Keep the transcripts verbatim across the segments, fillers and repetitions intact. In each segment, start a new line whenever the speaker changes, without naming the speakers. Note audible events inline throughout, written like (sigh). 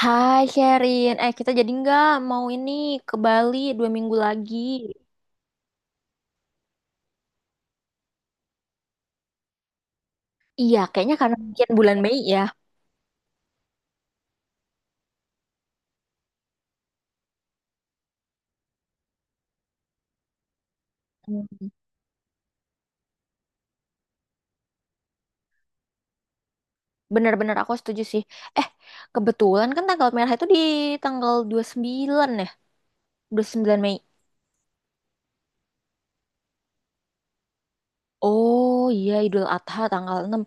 Hai Sherin, eh kita jadi nggak mau ini ke Bali dua minggu lagi. Iya, kayaknya karena mungkin bulan Mei ya. Hmm. Bener-bener aku setuju sih. Eh, kebetulan kan tanggal merah itu di tanggal dua puluh sembilan ya, dua puluh sembilan Mei. Oh iya, Idul Adha tanggal enam.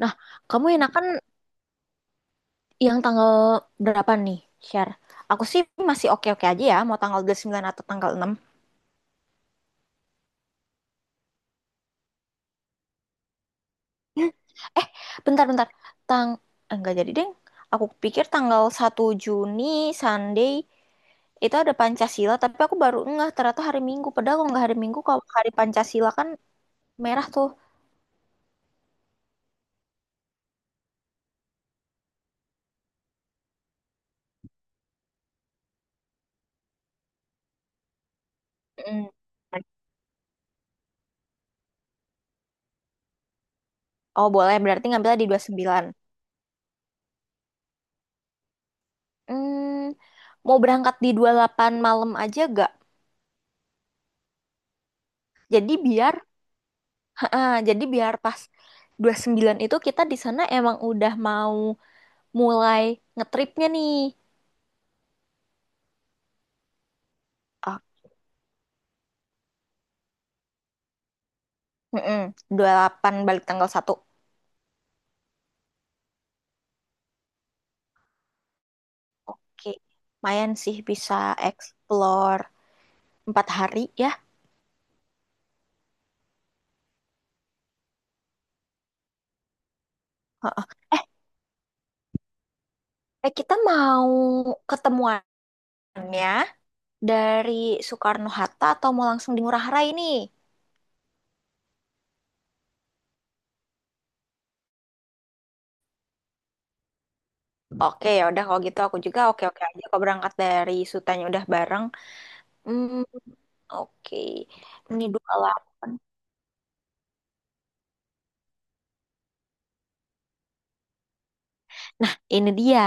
Nah, kamu enakan yang tanggal berapa nih, Sher? Aku sih masih oke-oke aja ya, mau tanggal dua puluh sembilan atau tanggal enam? Bentar, bentar. Tang eh, nggak jadi deh. Aku pikir tanggal satu Juni Sunday itu ada Pancasila, tapi aku baru ngeh ternyata hari Minggu. Padahal kalau nggak hari Minggu, kalau hari Pancasila kan merah tuh. Mm. Oh, boleh. Berarti ngambilnya di dua puluh sembilan. Hmm, Mau berangkat di dua puluh delapan malam aja gak? Jadi biar (laughs) jadi biar pas dua puluh sembilan itu kita di sana emang udah mau mulai ngetripnya nih. Oh, mm-mm. dua puluh delapan balik tanggal satu. Oke, lumayan sih bisa explore empat hari ya. Heeh. Eh, eh, kita mau ketemuannya dari Soekarno-Hatta atau mau langsung di Ngurah Rai nih? Oke, ya udah kalau gitu aku juga oke-oke aja kalau berangkat dari Sutanya udah bareng. Hmm, oke. Ini dua delapan. Nah, ini dia.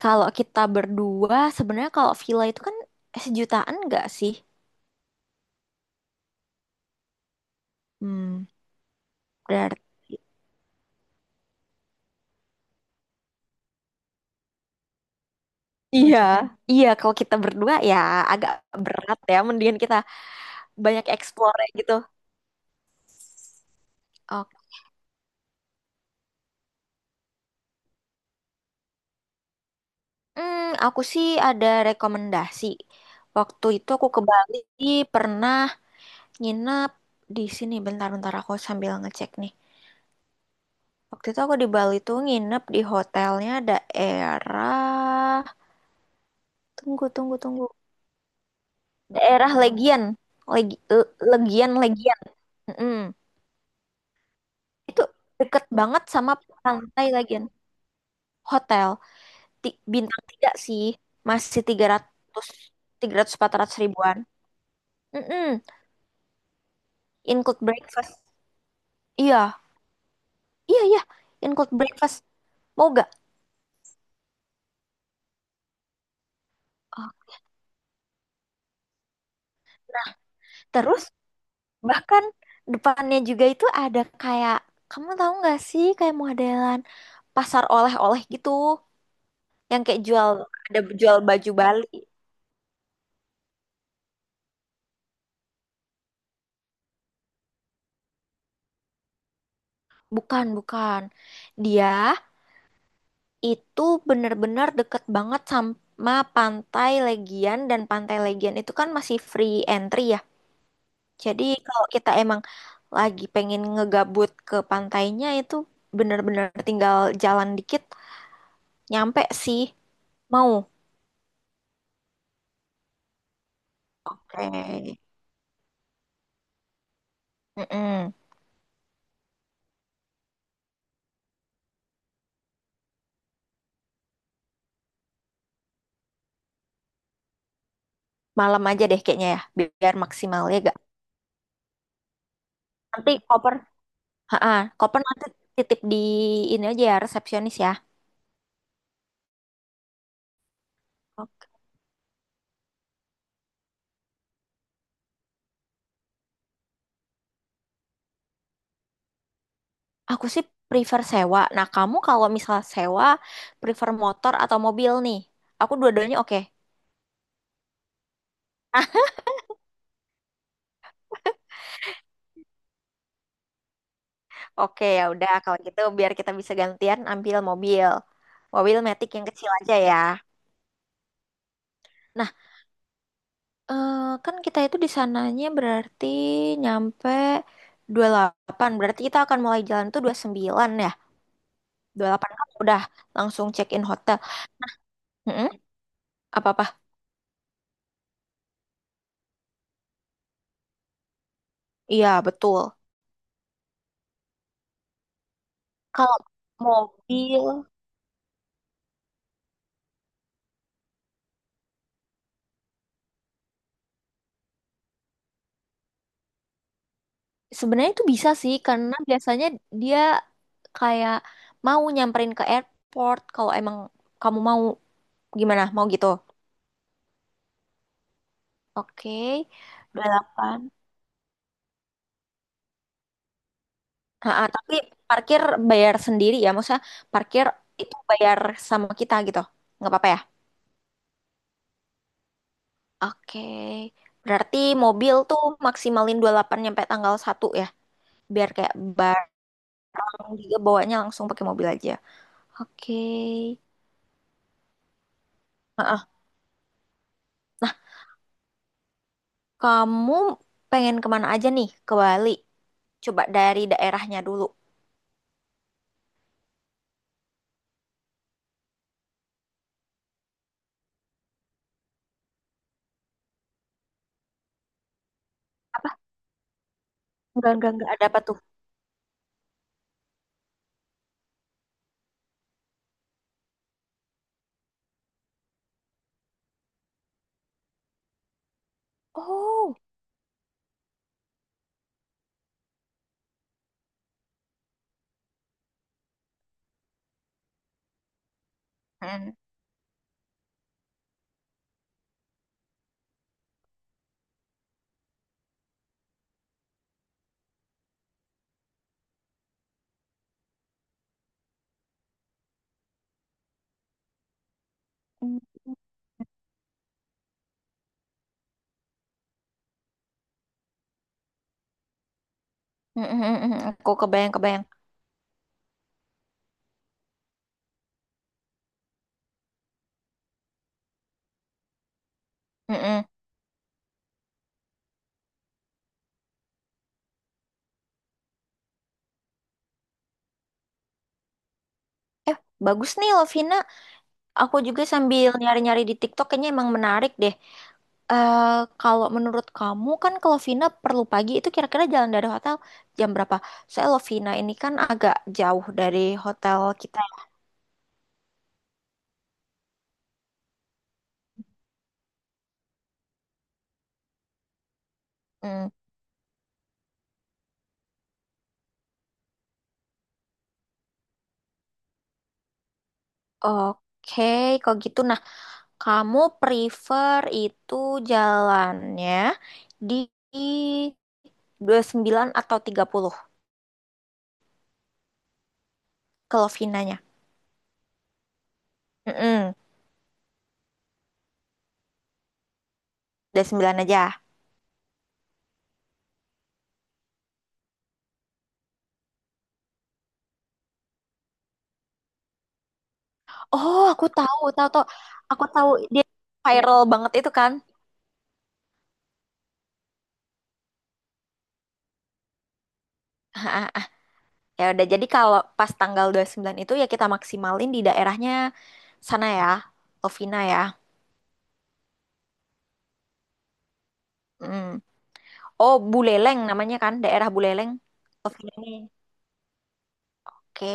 Kalau kita berdua sebenarnya kalau villa itu kan sejutaan nggak sih? Hmm, Berarti iya, iya kalau kita berdua ya agak berat ya. Mendingan kita banyak explore gitu. Oh, hmm, aku sih ada rekomendasi. Waktu itu aku ke Bali pernah nginep di sini. Bentar-bentar aku sambil ngecek nih. Waktu itu aku di Bali tuh nginep di hotelnya daerah. Tunggu, tunggu, tunggu. Daerah Legian, Legi- Le- Legian, Legian. Mm-mm. Itu deket banget sama pantai Legian. Hotel. Ti- bintang tiga sih masih tiga tiga ratus, tiga ratus empat ratus ribuan. Mm-mm. Include breakfast. Iya, iya, iya. Include breakfast, mau gak? Oh. Terus bahkan depannya juga itu ada kayak, kamu tahu nggak sih, kayak modelan pasar oleh-oleh gitu, yang kayak jual, ada jual baju Bali. Bukan, bukan, dia itu bener-bener deket banget sama pantai Legian dan pantai Legian itu kan masih free entry ya. Jadi kalau kita emang lagi pengen ngegabut ke pantainya itu bener-bener tinggal jalan dikit nyampe sih, mau. Oke. Mm-mm. Malam aja deh kayaknya ya, biar maksimal ya gak. Nanti koper, ha Koper nanti titip di ini aja ya, resepsionis ya. Aku sih prefer sewa. Nah, kamu kalau misal sewa prefer motor atau mobil nih? Aku dua-duanya oke. Oke, ya udah kalau gitu biar kita bisa gantian ambil mobil. Mobil matic yang kecil aja ya. Nah, eh, kan kita itu di sananya berarti nyampe dua delapan. Berarti kita akan mulai jalan tuh dua puluh sembilan ya. dua puluh delapan kan udah langsung check-in hotel. Mm-mm. Apa-apa? Iya, betul. Kalau mobil sebenarnya itu bisa sih karena biasanya dia kayak mau nyamperin ke airport kalau emang kamu mau gimana? Mau gitu. Oke, dua puluh delapan. Ha, ha, Tapi parkir bayar sendiri ya, maksudnya parkir itu bayar sama kita gitu. Nggak apa-apa ya? Oke. Berarti mobil tuh maksimalin dua puluh delapan nyampe tanggal satu ya, biar kayak barang juga bawanya langsung pakai mobil aja. Oke. Heeh. Kamu pengen kemana aja nih ke Bali? Coba dari daerahnya dulu. Apa? Enggak, enggak, enggak ada apa tuh? Oh. Hmm. Mm, mm, mm, mm. Aku kebayang, kebayang. Mm, mm. Eh, bagus nih Lovina. Aku juga sambil nyari-nyari di TikTok kayaknya emang menarik deh. Eh, kalau menurut kamu kan kalau Lovina perlu pagi itu kira-kira jalan dari hotel jam berapa? Saya Lovina ini kan agak jauh dari hotel kita. Hmm, Oke, kalau gitu. Nah, kamu prefer itu jalannya di dua puluh sembilan atau tiga puluh kalau Lovinanya? Mm-mm, dua puluh sembilan aja. Oh, aku tahu, tahu, tahu. Aku tahu dia viral banget itu kan. (laughs) Ya udah, jadi kalau pas tanggal dua puluh sembilan itu ya kita maksimalin di daerahnya sana ya, Lovina ya. Mm. Oh, Buleleng namanya kan, daerah Buleleng. Buleleng. Oke.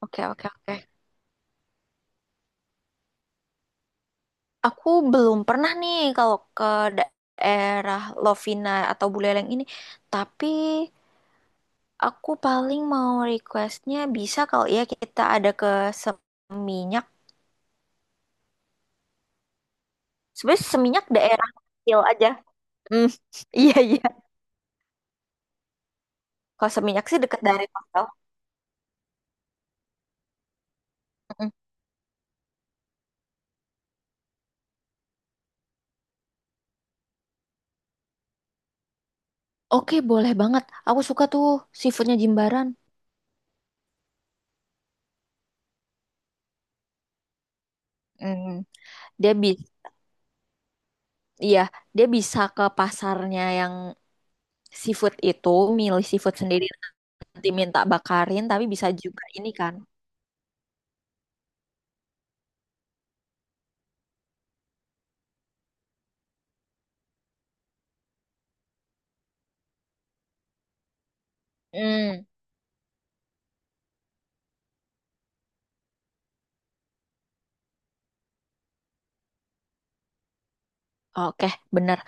Oke, oke, oke. Aku belum pernah nih kalau ke daerah Lovina atau Buleleng ini, tapi aku paling mau requestnya bisa kalau ya kita ada ke Seminyak. Sebenarnya seminyak daerah kecil aja. Hmm, (laughs) iya iya. Kalau seminyak sih dekat dari hotel. Mm-mm. Oke, boleh banget. Aku suka tuh seafoodnya Jimbaran. Hmm, dia bi, iya, dia bisa ke pasarnya yang seafood itu, milih seafood sendiri, nanti minta bakarin, tapi bisa juga ini kan. Hmm. Oke, bener,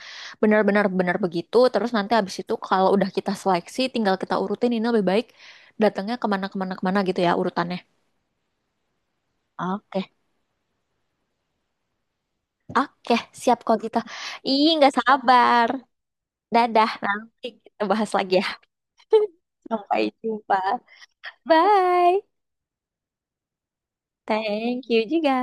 bener, bener, bener begitu. Terus nanti habis itu kalau udah kita seleksi, tinggal kita urutin ini lebih baik datangnya kemana-kemana, kemana, kemana, kemana gitu ya urutannya. Oke. Oke, siap kalau gitu. Ih, nggak sabar. Dadah, nanti kita bahas lagi ya. Sampai jumpa. Bye. Thank you juga.